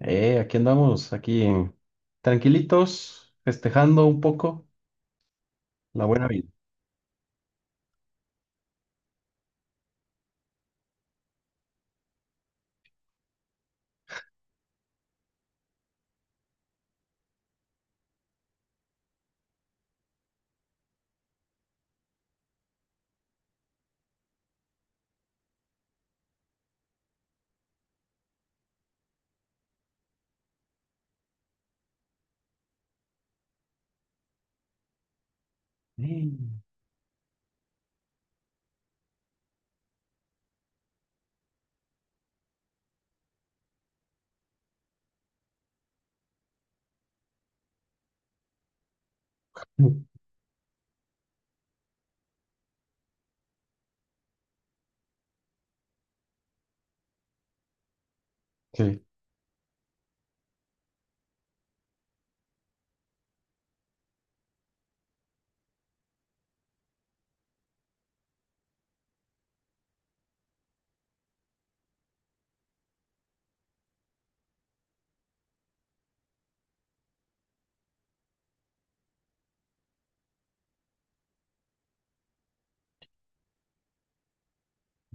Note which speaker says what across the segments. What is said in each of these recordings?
Speaker 1: Aquí andamos, aquí tranquilitos, festejando un poco la buena vida. Mm. Sí.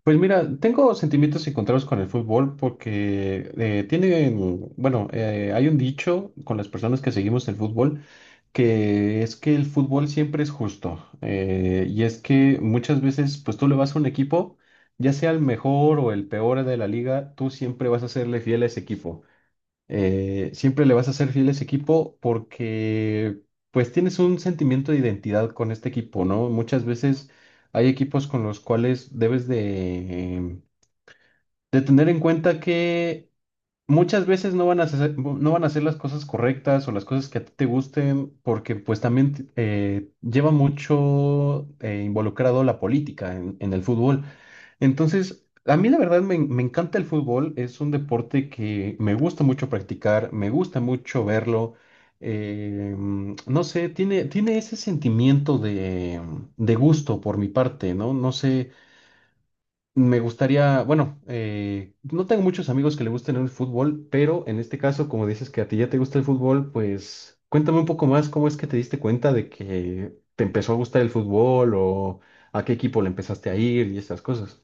Speaker 1: Pues mira, tengo sentimientos encontrados con el fútbol porque hay un dicho con las personas que seguimos el fútbol que es que el fútbol siempre es justo. Y es que muchas veces, pues tú le vas a un equipo, ya sea el mejor o el peor de la liga, tú siempre vas a serle fiel a ese equipo. Siempre le vas a ser fiel a ese equipo porque pues tienes un sentimiento de identidad con este equipo, ¿no? Muchas veces hay equipos con los cuales debes de tener en cuenta que muchas veces no van a hacer las cosas correctas o las cosas que a ti te gusten porque pues también lleva mucho involucrado la política en el fútbol. Entonces, a mí la verdad me encanta el fútbol, es un deporte que me gusta mucho practicar, me gusta mucho verlo, no sé, tiene ese sentimiento de gusto por mi parte, ¿no? No sé, me gustaría, no tengo muchos amigos que le gusten el fútbol, pero en este caso, como dices que a ti ya te gusta el fútbol, pues cuéntame un poco más cómo es que te diste cuenta de que te empezó a gustar el fútbol o a qué equipo le empezaste a ir y esas cosas.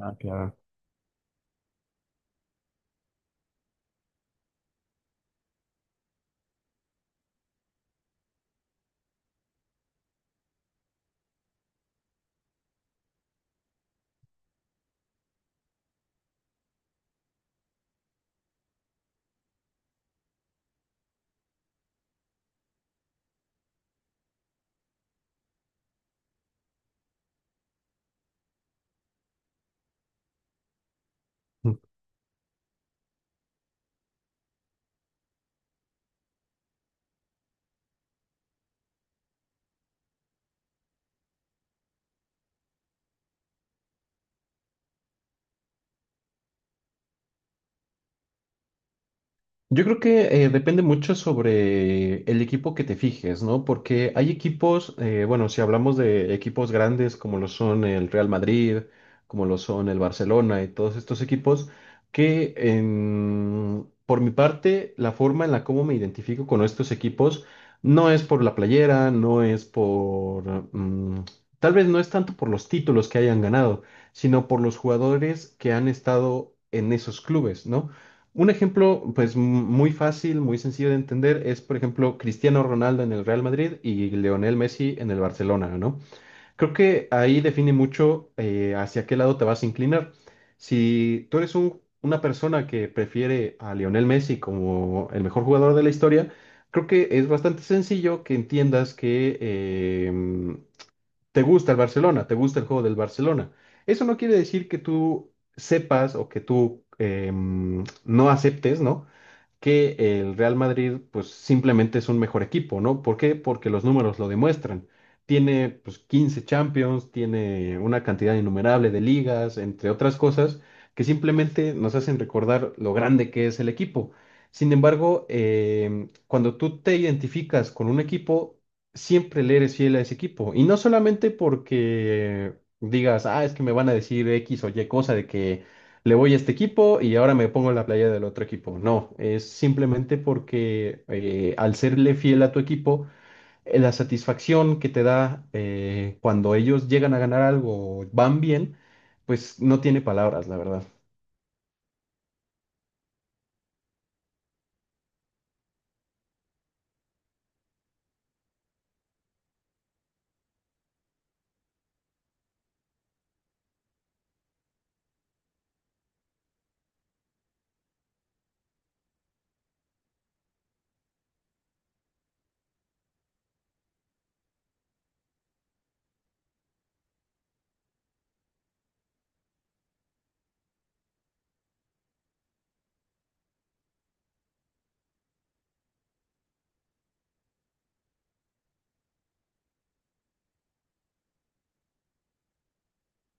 Speaker 1: Ah, claro. Yo creo que depende mucho sobre el equipo que te fijes, ¿no? Porque hay equipos, si hablamos de equipos grandes como lo son el Real Madrid, como lo son el Barcelona y todos estos equipos, que por mi parte, la forma en la cómo me identifico con estos equipos no es por la playera, no es por, mm, tal vez no es tanto por los títulos que hayan ganado, sino por los jugadores que han estado en esos clubes, ¿no? Un ejemplo, pues muy fácil, muy sencillo de entender, es por ejemplo Cristiano Ronaldo en el Real Madrid y Lionel Messi en el Barcelona, ¿no? Creo que ahí define mucho hacia qué lado te vas a inclinar. Si tú eres una persona que prefiere a Lionel Messi como el mejor jugador de la historia, creo que es bastante sencillo que entiendas que te gusta el Barcelona, te gusta el juego del Barcelona. Eso no quiere decir que tú sepas o que tú no aceptes, ¿no? Que el Real Madrid pues simplemente es un mejor equipo, ¿no? ¿Por qué? Porque los números lo demuestran. Tiene pues 15 Champions, tiene una cantidad innumerable de ligas, entre otras cosas, que simplemente nos hacen recordar lo grande que es el equipo. Sin embargo, cuando tú te identificas con un equipo, siempre le eres fiel a ese equipo. Y no solamente porque digas, ah, es que me van a decir X o Y cosa de que le voy a este equipo y ahora me pongo en la playa del otro equipo. No, es simplemente porque al serle fiel a tu equipo, la satisfacción que te da cuando ellos llegan a ganar algo, o van bien, pues no tiene palabras, la verdad.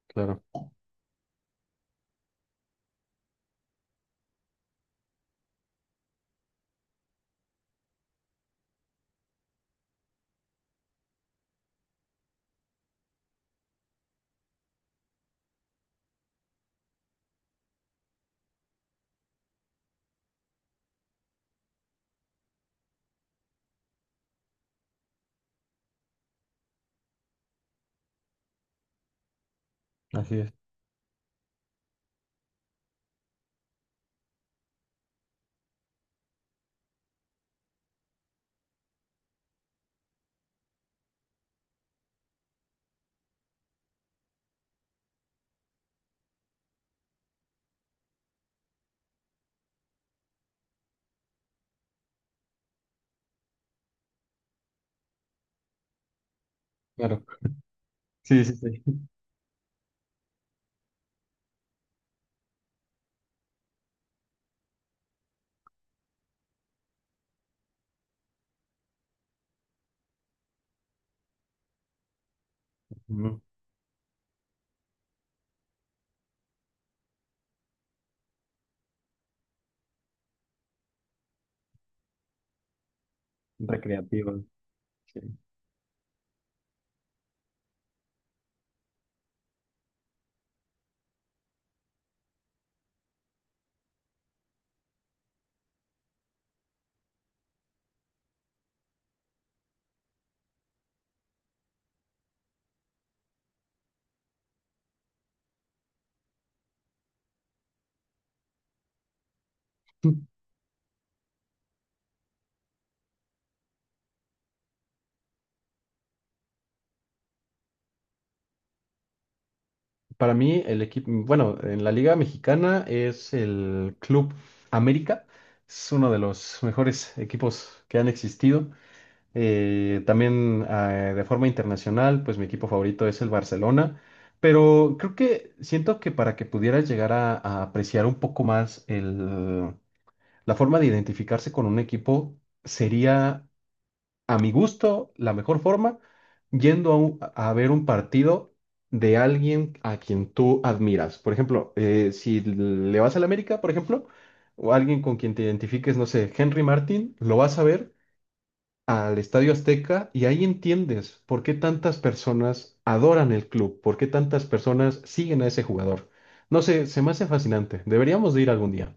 Speaker 1: Claro, así es, claro. Sí, sí, sí. Ujú. Recreativo. Sí. Para mí, el equipo, bueno, en la Liga Mexicana es el Club América, es uno de los mejores equipos que han existido. También de forma internacional, pues mi equipo favorito es el Barcelona, pero creo que siento que para que pudieras llegar a apreciar un poco más la forma de identificarse con un equipo sería, a mi gusto, la mejor forma yendo a ver un partido de alguien a quien tú admiras. Por ejemplo, si le vas al América, por ejemplo, o alguien con quien te identifiques, no sé, Henry Martin, lo vas a ver al Estadio Azteca y ahí entiendes por qué tantas personas adoran el club, por qué tantas personas siguen a ese jugador. No sé, se me hace fascinante. Deberíamos de ir algún día.